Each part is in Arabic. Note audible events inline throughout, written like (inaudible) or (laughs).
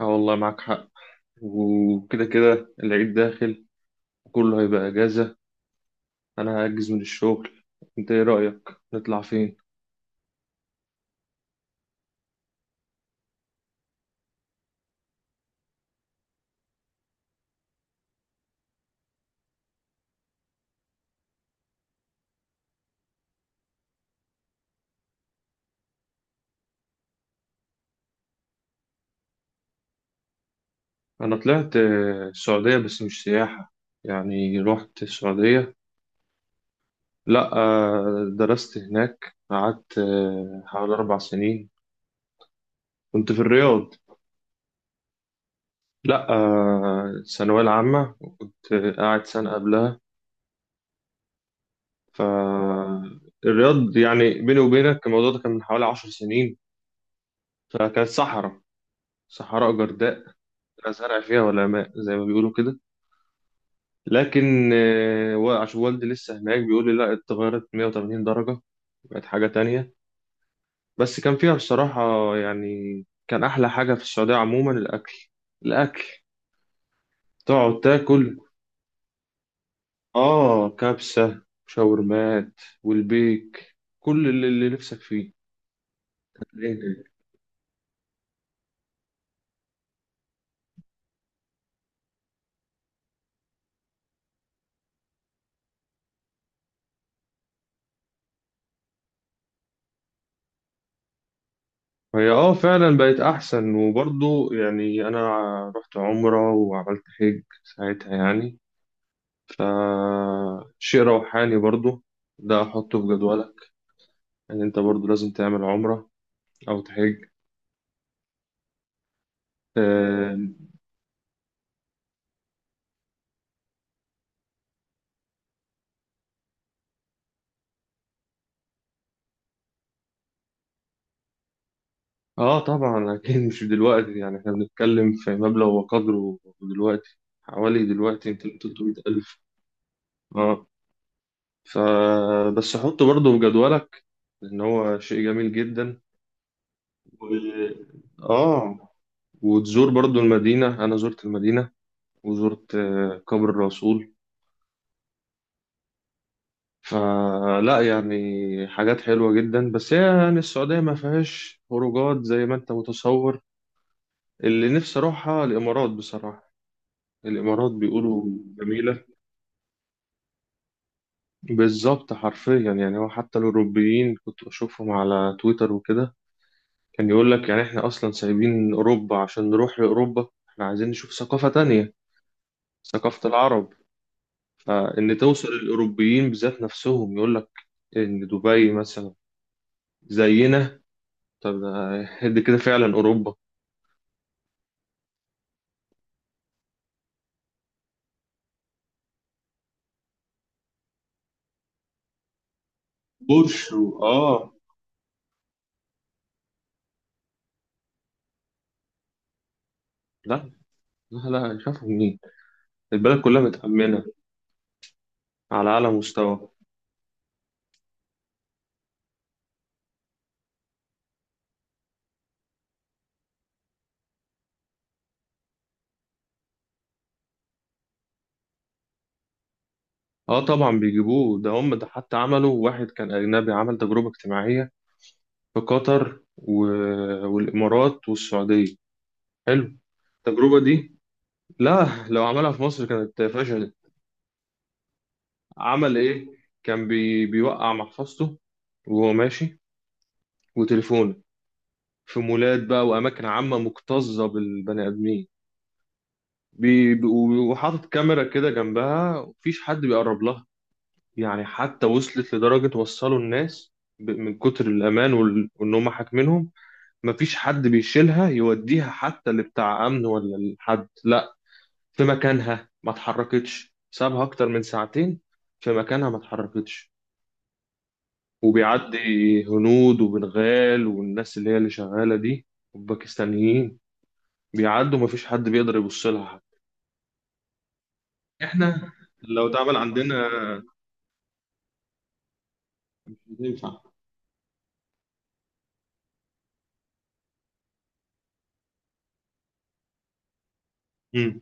اه، والله معاك حق. وكده كده العيد داخل، كله هيبقى اجازة. انا هاجز من الشغل. انت ايه رأيك نطلع فين؟ انا طلعت السعودية، بس مش سياحة. يعني رحت السعودية. لا درست هناك، قعدت حوالي 4 سنين. كنت في الرياض. لا الثانوية العامة، وكنت قاعد سنة قبلها فالرياض. يعني بيني وبينك، الموضوع ده كان من حوالي 10 سنين، فكانت صحراء. صحراء جرداء، لا زرع فيها ولا ماء، زي ما بيقولوا كده. لكن عشان والدي لسه هناك، بيقول لي لا، اتغيرت 180 درجة، بقت حاجة تانية. بس كان فيها بصراحة، يعني، كان أحلى حاجة في السعودية عموما الأكل. الأكل تقعد تاكل. آه، كبسة، شاورمات، والبيك، كل اللي نفسك فيه هتلاقيه هناك. هي اه فعلا بقت أحسن، وبرضه يعني أنا رحت عمرة وعملت حج ساعتها يعني، فشيء روحاني برضو. ده أحطه في جدولك، إن أنت برضو لازم تعمل عمرة أو تحج. آه, آه، طبعا أكيد مش دلوقتي، يعني إحنا بنتكلم في مبلغ وقدره دلوقتي، حوالي دلوقتي 200 300 ألف. آه، فبس حطه برضو في جدولك، لأن هو شيء جميل جدا. و... آه وتزور برضو المدينة، أنا زرت المدينة وزرت قبر الرسول. فلا يعني، حاجات حلوة جدا، بس هي يعني السعودية ما فيهاش خروجات زي ما انت متصور. اللي نفسي اروحها الامارات بصراحة. الامارات بيقولوا جميلة. بالظبط، حرفيا، يعني هو حتى الاوروبيين كنت بشوفهم على تويتر وكده، كان يقول لك يعني احنا اصلا سايبين اوروبا عشان نروح لاوروبا، احنا عايزين نشوف ثقافة تانية، ثقافة العرب. فان توصل الاوروبيين بذات نفسهم يقول لك ان دبي مثلا زينا، طب دي كده فعلا اوروبا. بورشو، اه. لا، لا، لا، شافوا مين؟ البلد كلها متأمنة على أعلى مستوى. اه طبعا بيجيبوه، ده هم ده حتى عملوا واحد كان أجنبي عمل تجربة اجتماعية في قطر والإمارات والسعودية. حلو التجربة دي. لا، لو عملها في مصر كانت فشلت. عمل إيه؟ كان بيوقع محفظته وهو ماشي، وتليفونه، في مولات بقى وأماكن عامة مكتظة بالبني آدمين، بي- بي- وحاطط كاميرا كده جنبها. مفيش حد بيقرب لها، يعني حتى وصلت لدرجة، وصلوا الناس من كتر الأمان وإن هم حاكمينهم، مفيش حد بيشيلها يوديها حتى لبتاع أمن ولا لحد، لا، في مكانها ما اتحركتش، سابها أكتر من ساعتين في مكانها ما اتحركتش. وبيعدي هنود وبنغال والناس اللي هي اللي شغالة دي، والباكستانيين بيعدوا، مفيش حد بيقدر يبص لها حتى. احنا لو اتعمل عندنا مش هتنفع. مم.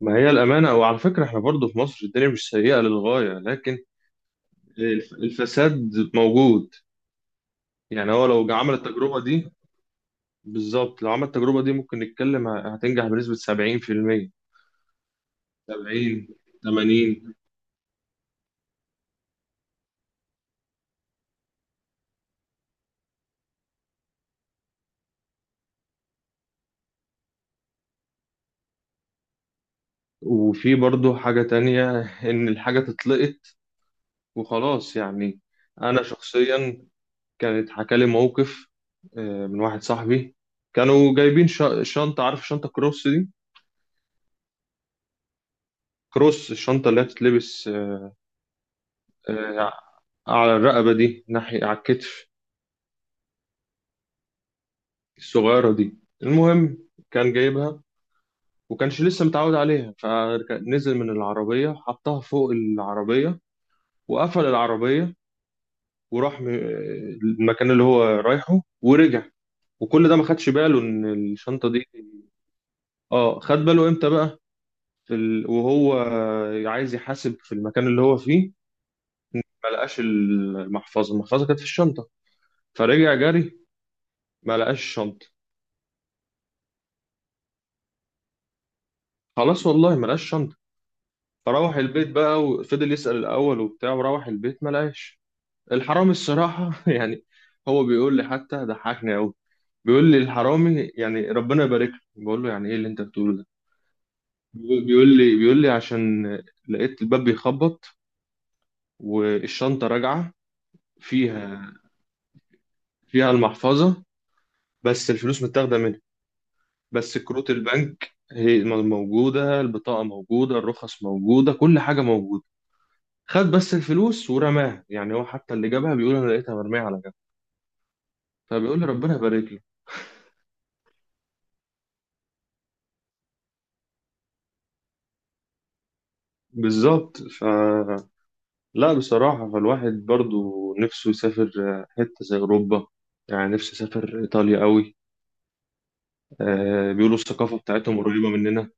ما هي الأمانة، وعلى فكرة احنا برضو في مصر الدنيا مش سيئة للغاية، لكن الفساد موجود. يعني هو لو عمل التجربة دي، بالظبط لو عمل التجربة دي ممكن نتكلم هتنجح بنسبة 70%، 70، 80. وفي برضو حاجة تانية، إن الحاجة تتلقط وخلاص يعني. أنا شخصيا كانت حكى لي موقف من واحد صاحبي. كانوا جايبين شنطة، عارف شنطة كروس دي، كروس، الشنطة اللي هي بتتلبس آه، على الرقبة دي، ناحية على الكتف، الصغيرة دي. المهم كان جايبها، وكانش لسه متعود عليها، فنزل من العربية حطها فوق العربية، وقفل العربية، وراح المكان اللي هو رايحه ورجع، وكل ده ما خدش باله ان الشنطة دي. اه، خد باله امتى بقى؟ في وهو عايز يحاسب في المكان اللي هو فيه، ما لقاش المحفظة. المحفظة كانت في الشنطة، فرجع جري، ما لقاش الشنطة. خلاص، والله ما لقاش شنطة. فروح البيت بقى، وفضل يسأل الأول وبتاع، وروح البيت ما لقاش. الحرامي الصراحة (laughs) يعني، هو بيقول لي، حتى ضحكني أوي، بيقول لي الحرامي، يعني ربنا يبارك له، بقول له يعني إيه اللي أنت بتقوله ده؟ بيقول لي عشان لقيت الباب بيخبط والشنطة راجعة، فيها فيها المحفظة، بس الفلوس متاخدة منها. بس كروت البنك هي موجودة، البطاقة موجودة، الرخص موجودة، كل حاجة موجودة، خد بس الفلوس ورماها. يعني هو حتى اللي جابها بيقول انا لقيتها مرميه على جنب، فبيقول لي ربنا يبارك له. بالظبط. لا، بصراحه، فالواحد برضو نفسه يسافر حته زي اوروبا. يعني نفسي اسافر ايطاليا قوي. آه، بيقولوا الثقافه بتاعتهم قريبه مننا.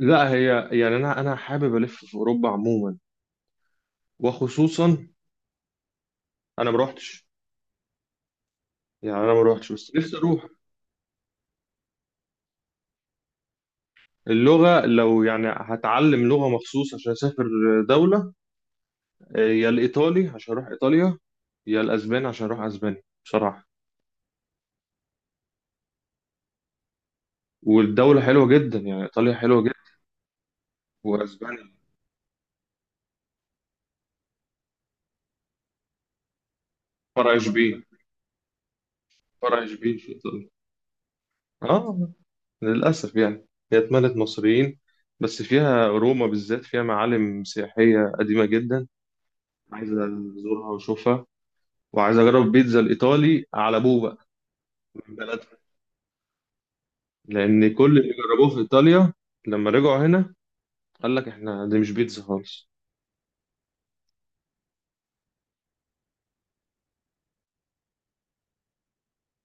لا، هي يعني انا حابب الف في اوروبا عموما، وخصوصا، انا ما روحتش. يعني انا ما روحتش بس نفسي اروح. اللغه لو يعني هتعلم لغه مخصوص عشان اسافر دوله، يا الإيطالي عشان أروح إيطاليا، يا الأسباني عشان أروح أسبانيا بصراحة. والدولة حلوة جدا، يعني إيطاليا حلوة جدا، وأسبانيا. فرع إشبيل، فرع إشبيل في إيطاليا. آه، للأسف يعني هي اتملت مصريين، بس فيها روما بالذات، فيها معالم سياحية قديمة جدا، عايز أزورها وأشوفها، وعايز أجرب بيتزا الإيطالي على أبوه بقى من بلدها. لأن كل اللي جربوه في إيطاليا لما رجعوا هنا قال لك إحنا دي مش بيتزا خالص.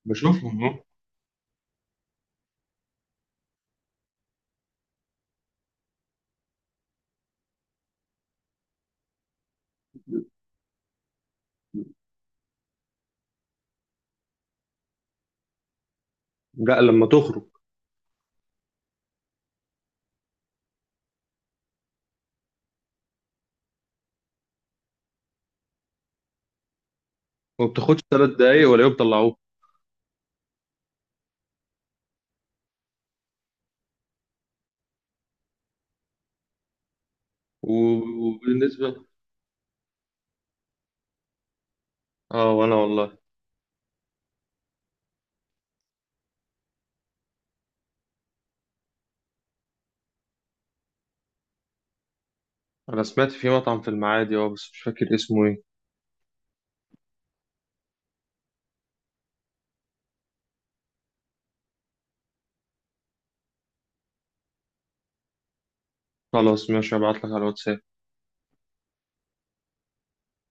بشوفهم أهو. لا، لما تخرج. وما بتاخدش 3 دقايق ولا يوم بيطلعوه. وبالنسبة، اه، وانا والله، انا سمعت في مطعم في المعادي، اه بس مش فاكر اسمه ايه. خلاص، ماشي، هبعتلك على الواتساب.